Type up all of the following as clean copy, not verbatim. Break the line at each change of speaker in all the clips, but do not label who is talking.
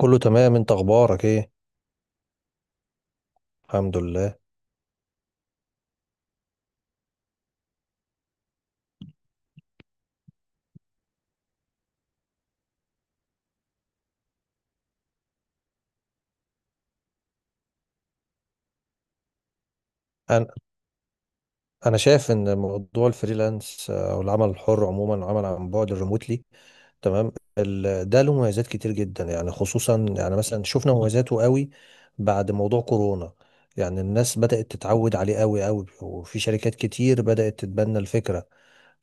كله تمام، انت اخبارك ايه؟ الحمد لله. انا انا شايف ان موضوع الفريلانس او العمل الحر عموما عمل عن بعد الريموتلي. تمام. ده له مميزات كتير جدا، يعني خصوصا يعني مثلا شفنا مميزاته قوي بعد موضوع كورونا. يعني الناس بدأت تتعود عليه قوي قوي، وفي شركات كتير بدأت تتبنى الفكرة.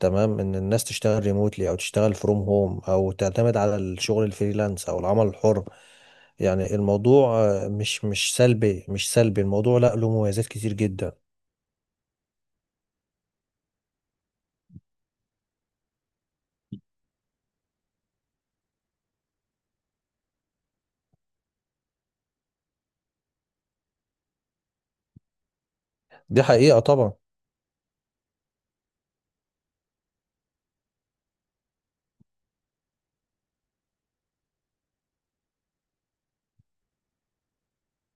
تمام، ان الناس تشتغل ريموتلي او تشتغل فروم هوم او تعتمد على الشغل الفريلانس او العمل الحر. يعني الموضوع مش سلبي، مش سلبي الموضوع، لا له مميزات كتير جدا. دي حقيقة طبعا.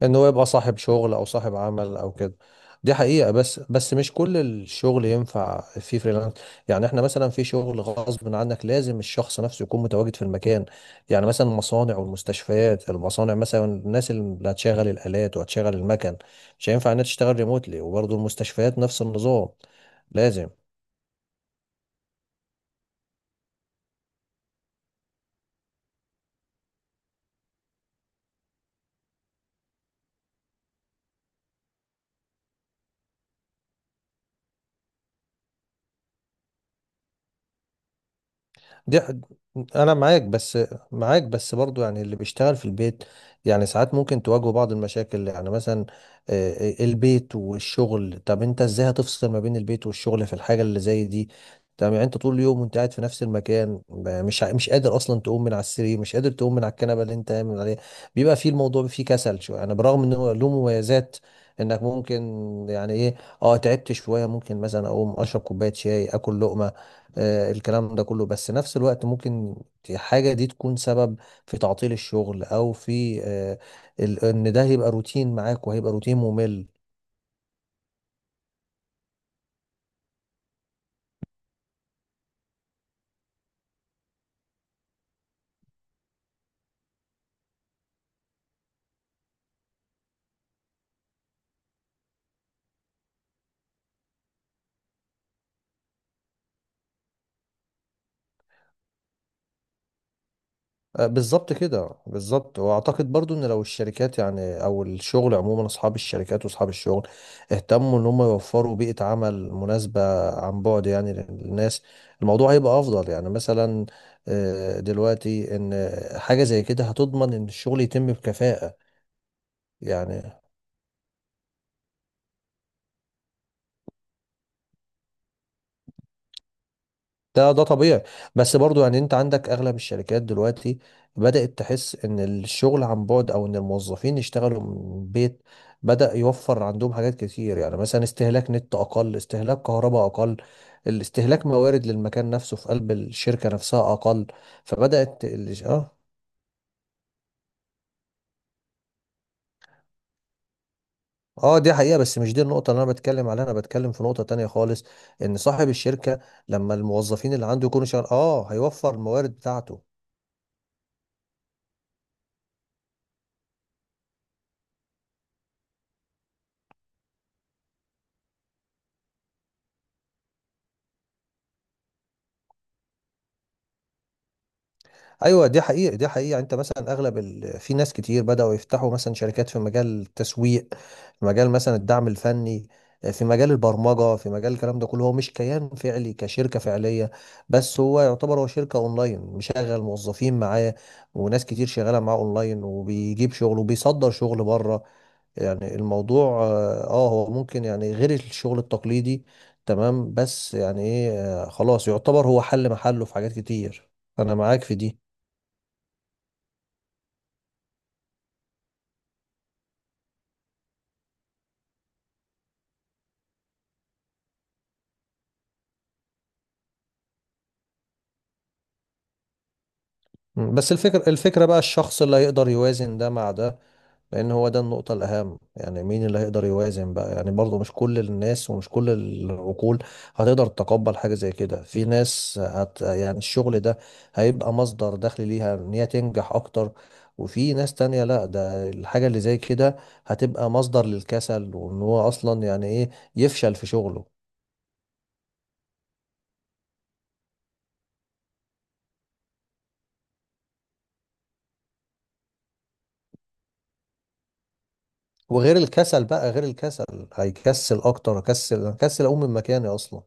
ان هو يبقى صاحب شغل او صاحب عمل او كده. دي حقيقة، بس بس مش كل الشغل ينفع فيه فريلانس. يعني احنا مثلا في شغل غصب عنك لازم الشخص نفسه يكون متواجد في المكان، يعني مثلا المصانع والمستشفيات. المصانع مثلا الناس اللي هتشغل الآلات وهتشغل المكن مش هينفع انها تشتغل ريموتلي، وبرضه المستشفيات نفس النظام، لازم. دي ح- انا معاك بس برضو، يعني اللي بيشتغل في البيت يعني ساعات ممكن تواجهه بعض المشاكل. يعني مثلا البيت والشغل، طب انت ازاي هتفصل ما بين البيت والشغل في الحاجة اللي زي دي؟ طب يعني انت طول اليوم وانت قاعد في نفس المكان، مش قادر اصلا تقوم من على السرير، مش قادر تقوم من على الكنبة اللي انت قايم عليها. بيبقى فيه الموضوع فيه كسل شوية، يعني برغم انه له مميزات انك ممكن يعني ايه، اه تعبت شوية ممكن مثلا اقوم اشرب كوباية شاي اكل لقمة الكلام ده كله، بس نفس الوقت ممكن الحاجة دي تكون سبب في تعطيل الشغل، أو في إن ده هيبقى روتين معاك وهيبقى روتين ممل. بالظبط كده، بالظبط، واعتقد برضو ان لو الشركات يعني او الشغل عموما اصحاب الشركات واصحاب الشغل اهتموا ان هم يوفروا بيئة عمل مناسبة عن بعد يعني للناس، الموضوع هيبقى افضل. يعني مثلا دلوقتي ان حاجة زي كده هتضمن ان الشغل يتم بكفاءة. يعني، ده ده طبيعي. بس برضو يعني انت عندك اغلب الشركات دلوقتي بدأت تحس ان الشغل عن بعد او ان الموظفين يشتغلوا من البيت بدأ يوفر عندهم حاجات كتير، يعني مثلا استهلاك نت اقل، استهلاك كهرباء اقل، الاستهلاك موارد للمكان نفسه في قلب الشركة نفسها اقل. فبدأت ال- اه اه دي حقيقة، بس مش دي النقطة اللي انا بتكلم عليها، انا بتكلم في نقطة تانية خالص، ان صاحب الشركة لما الموظفين اللي عنده يكونوا شغال هيوفر الموارد بتاعته. ايوه دي حقيقة، دي حقيقة، يعني انت مثلا اغلب ال... في ناس كتير بدأوا يفتحوا مثلا شركات في مجال التسويق، في مجال مثلا الدعم الفني، في مجال البرمجة، في مجال الكلام ده كله هو مش كيان فعلي كشركة فعلية، بس هو يعتبر هو شركة اونلاين مشغل موظفين معاه، وناس كتير شغالة معاه اونلاين، وبيجيب شغل وبيصدر شغل بره. يعني الموضوع هو ممكن يعني غير الشغل التقليدي، تمام، بس يعني ايه، خلاص يعتبر هو حل محله في حاجات كتير. انا معاك في دي. بس الفكرة، الفكرة بقى الشخص اللي هيقدر يوازن ده مع ده، لأن هو ده النقطة الأهم. يعني مين اللي هيقدر يوازن بقى؟ يعني برضه مش كل الناس ومش كل العقول هتقدر تتقبل حاجة زي كده. في ناس هت يعني الشغل ده هيبقى مصدر دخل ليها، إن هي تنجح أكتر، وفي ناس تانية لا، ده الحاجة اللي زي كده هتبقى مصدر للكسل، وإن هو أصلا يعني إيه يفشل في شغله. وغير الكسل بقى، غير الكسل هيكسل أكتر، هكسل هكسل أقوم من مكاني أصلا.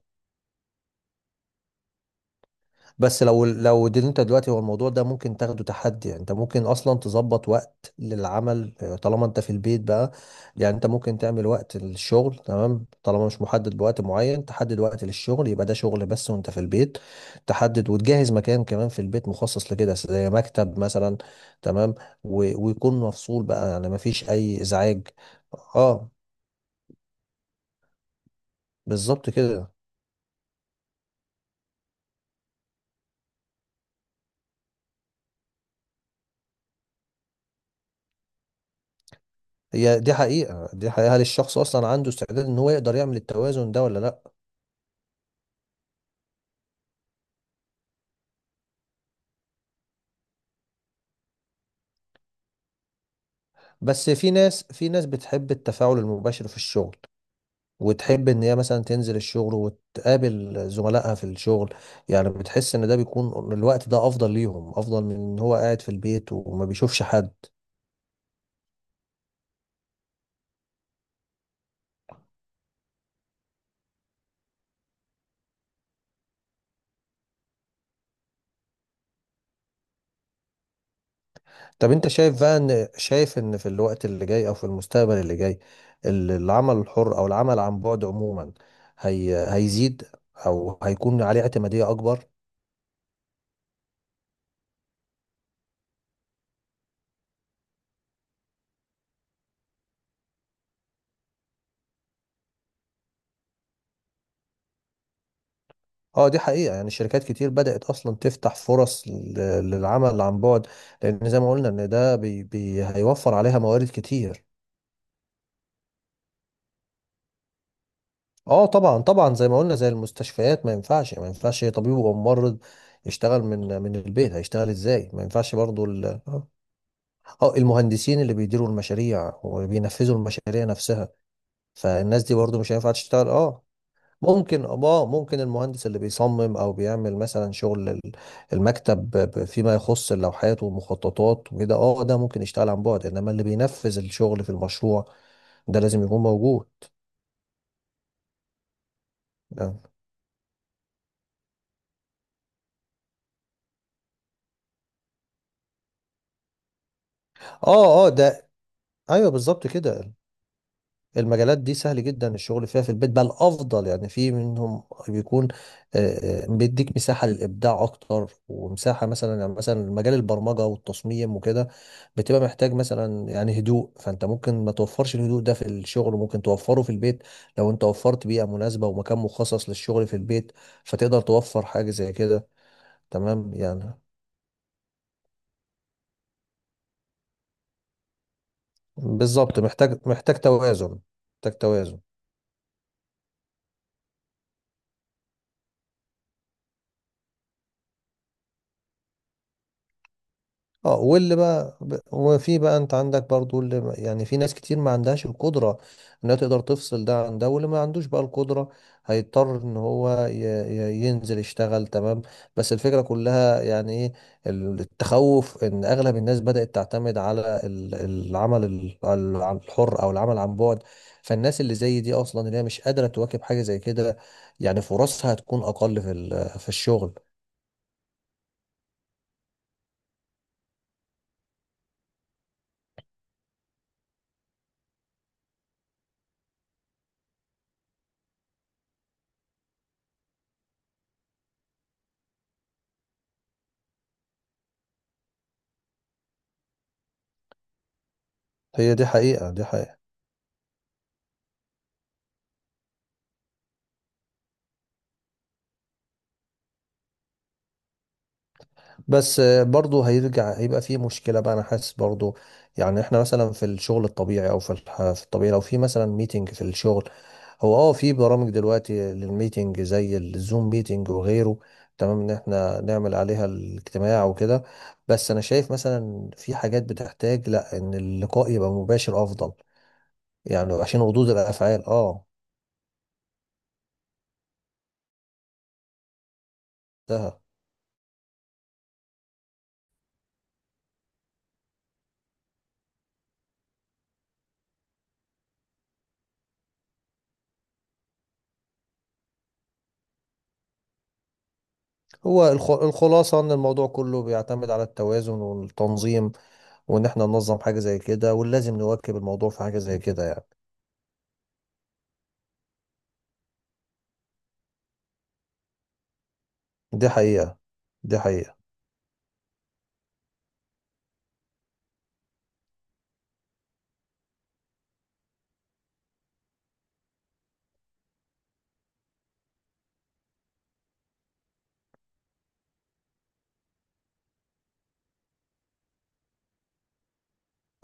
بس لو لو دي انت دلوقتي، هو الموضوع ده ممكن تاخده تحدي. يعني انت ممكن اصلا تظبط وقت للعمل، طالما انت في البيت بقى، يعني انت ممكن تعمل وقت للشغل، تمام، طالما مش محدد بوقت معين تحدد وقت للشغل، يبقى ده شغل بس وانت في البيت، تحدد وتجهز مكان كمان في البيت مخصص لكده زي مكتب مثلا. تمام، و- ويكون مفصول بقى يعني مفيش اي ازعاج. اه بالظبط كده. هي دي حقيقة، دي حقيقة، هل الشخص اصلا عنده استعداد ان هو يقدر يعمل التوازن ده ولا لا؟ بس في ناس، في ناس بتحب التفاعل المباشر في الشغل، وتحب ان هي مثلا تنزل الشغل وتقابل زملائها في الشغل، يعني بتحس ان ده بيكون الوقت ده افضل ليهم، افضل من ان هو قاعد في البيت وما بيشوفش حد. طب انت شايف بقى ان شايف ان في الوقت اللي جاي او في المستقبل اللي جاي، العمل الحر او العمل عن بعد عموما هي هيزيد، او هيكون عليه اعتمادية اكبر؟ اه دي حقيقة، يعني شركات كتير بدأت أصلا تفتح فرص للعمل عن بعد، لأن زي ما قلنا إن ده بي بي هيوفر عليها موارد كتير. اه طبعا طبعا، زي ما قلنا زي المستشفيات ما ينفعش، ما ينفعش طبيب وممرض يشتغل من من البيت، هيشتغل ازاي؟ ما ينفعش برضو المهندسين اللي بيديروا المشاريع وبينفذوا المشاريع نفسها، فالناس دي برضو مش هينفع تشتغل. اه ممكن، اه ممكن المهندس اللي بيصمم او بيعمل مثلا شغل المكتب فيما يخص اللوحات والمخططات وكده، اه ده ممكن يشتغل عن بعد، انما اللي بينفذ الشغل في المشروع ده لازم يكون موجود. اه اه آه، ده ايوه بالظبط كده. المجالات دي سهل جدا الشغل فيها في البيت، بل افضل. يعني في منهم بيكون بيديك مساحه للابداع اكتر، ومساحه مثلا. يعني مثلا مجال البرمجه والتصميم وكده بتبقى محتاج مثلا يعني هدوء، فانت ممكن ما توفرش الهدوء ده في الشغل، وممكن توفره في البيت. لو انت وفرت بيئه مناسبه ومكان مخصص للشغل في البيت، فتقدر توفر حاجه زي كده. تمام، يعني بالظبط، محتاج توازن. محتاج توازن. اه واللي بقى وفي بقى، انت عندك برضو اللي يعني في ناس كتير ما عندهاش القدرة انها تقدر تفصل ده عن ده، واللي ما عندوش بقى القدرة هيضطر ان هو ينزل يشتغل. تمام، بس الفكرة كلها يعني ايه، التخوف ان اغلب الناس بدأت تعتمد على العمل عن الحر او العمل عن بعد، فالناس اللي زي دي اصلا اللي هي مش قادرة تواكب حاجة زي كده يعني فرصها هتكون اقل في في الشغل. هي دي حقيقة، دي حقيقة، بس برضه هيرجع، هيبقى فيه مشكلة بقى، أنا حاسس برضه. يعني إحنا مثلا في الشغل الطبيعي أو في الطبيعي، لو في مثلا ميتنج في الشغل، هو في برامج دلوقتي للميتنج زي الزوم ميتنج وغيره، تمام، إن إحنا نعمل عليها الاجتماع وكده، بس أنا شايف مثلا في حاجات بتحتاج لأ إن اللقاء يبقى مباشر أفضل، يعني عشان ردود الأفعال ده. هو الخلاصة إن الموضوع كله بيعتمد على التوازن والتنظيم، وان احنا ننظم حاجة زي كده، ولازم نواكب الموضوع في حاجة زي كده يعني. دي حقيقة، دي حقيقة.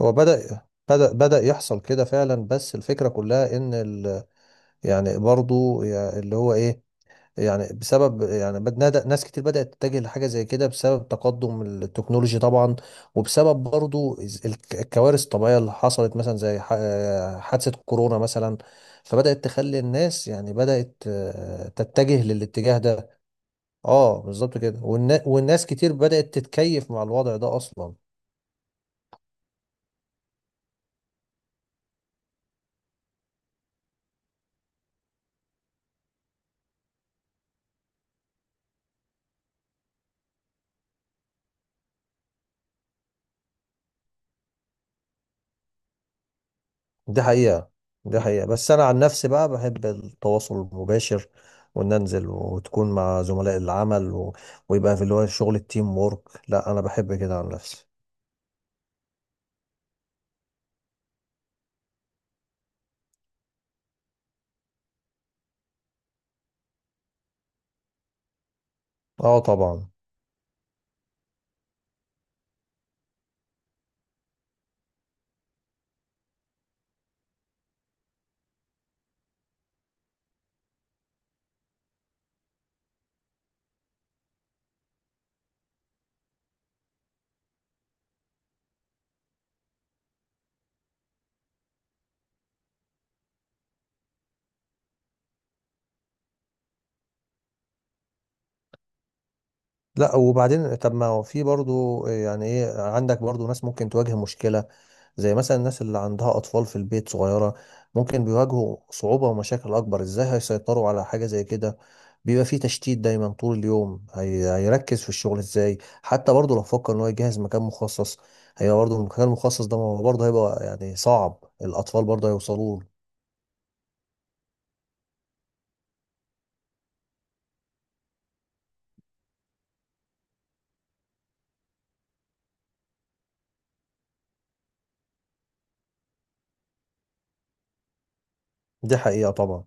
هو بدأ يحصل كده فعلا، بس الفكرة كلها ان ال يعني برضو اللي هو ايه، يعني بسبب يعني ناس كتير بدأت تتجه لحاجة زي كده بسبب تقدم التكنولوجي طبعا، وبسبب برضو الكوارث الطبيعية اللي حصلت مثلا زي حادثة كورونا مثلا، فبدأت تخلي الناس يعني بدأت تتجه للاتجاه ده. اه بالظبط كده، والناس كتير بدأت تتكيف مع الوضع ده اصلا. دي حقيقة، دي حقيقة، بس انا عن نفسي بقى بحب التواصل المباشر، وان انزل وتكون مع زملاء العمل ويبقى في اللي هو شغل التيم وورك. لا انا بحب كده عن نفسي. اه طبعا. لا وبعدين طب ما هو في برضو يعني ايه، عندك برضو ناس ممكن تواجه مشكلة، زي مثلا الناس اللي عندها أطفال في البيت صغيرة ممكن بيواجهوا صعوبة ومشاكل أكبر. ازاي هيسيطروا على حاجة زي كده؟ بيبقى في تشتيت دايما طول اليوم، هيركز في الشغل ازاي؟ حتى برضو لو فكر ان هو يجهز مكان مخصص، هي برضو المكان المخصص ده ما هو برضو هيبقى يعني صعب، الأطفال برضو هيوصلوا له. دي حقيقة طبعا.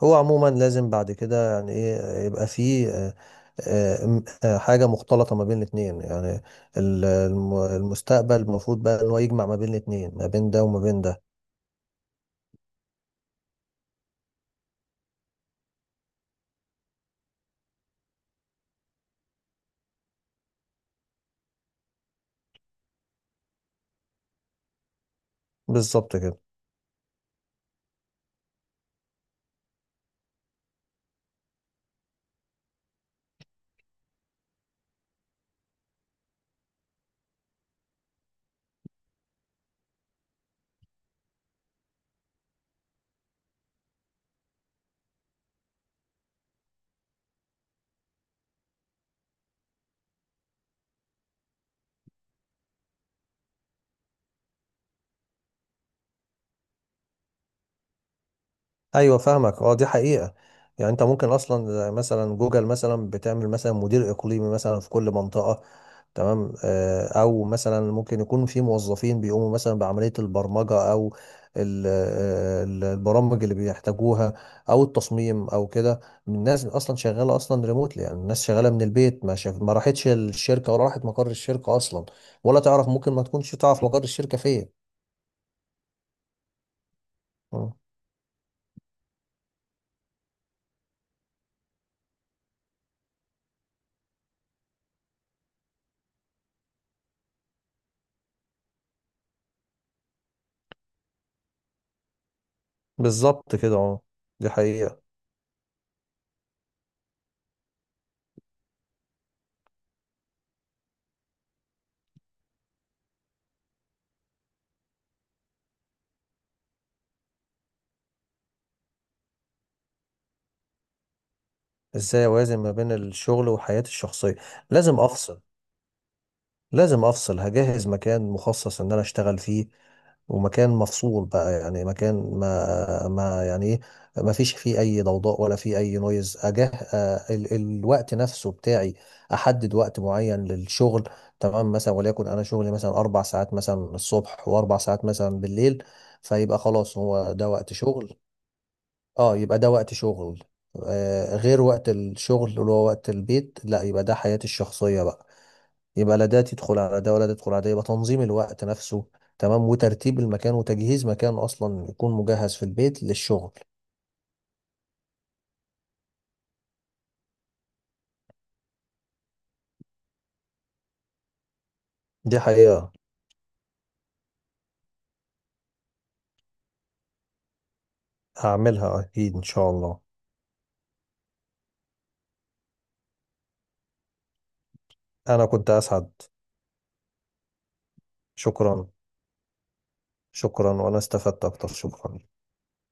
هو عموما لازم بعد كده يعني ايه يبقى فيه حاجة مختلطة ما بين الاتنين يعني، المستقبل المفروض بقى ان هو يجمع ما بين الاتنين، ما بين ده وما بين ده. بالظبط كده. ايوه فاهمك، اه دي حقيقة. يعني انت ممكن اصلا زي مثلا جوجل مثلا بتعمل مثلا مدير اقليمي مثلا في كل منطقة. تمام، او مثلا ممكن يكون في موظفين بيقوموا مثلا بعملية البرمجة او البرامج اللي بيحتاجوها، او التصميم او كده. الناس اصلا شغالة اصلا ريموتلي، يعني الناس شغالة من البيت، ما شاف ما راحتش الشركة ولا راحت مقر الشركة اصلا، ولا تعرف ممكن ما تكونش تعرف مقر الشركة فين. مم. بالظبط كده. اه دي حقيقة. ازاي اوازن ما بين الشغل وحياتي الشخصية؟ لازم افصل، لازم افصل، هجهز مكان مخصص ان انا اشتغل فيه، ومكان مفصول بقى يعني مكان ما يعني ايه ما فيش فيه اي ضوضاء ولا فيه اي نويز اجه. ال الوقت نفسه بتاعي احدد وقت معين للشغل، تمام مثلا، وليكن انا شغلي مثلا 4 ساعات مثلا الصبح و4 ساعات مثلا بالليل، فيبقى خلاص هو ده وقت شغل. اه يبقى ده وقت شغل. غير وقت الشغل اللي هو وقت البيت، لا يبقى ده حياتي الشخصية بقى، يبقى لا ده تدخل على ده ولا ده تدخل على ده. يبقى تنظيم الوقت نفسه، تمام، وترتيب المكان وتجهيز مكان اصلا يكون مجهز في البيت للشغل. دي حقيقة. هعملها اكيد ان شاء الله. انا كنت اسعد. شكرا، شكرا، وانا استفدت اكتر، شكرا.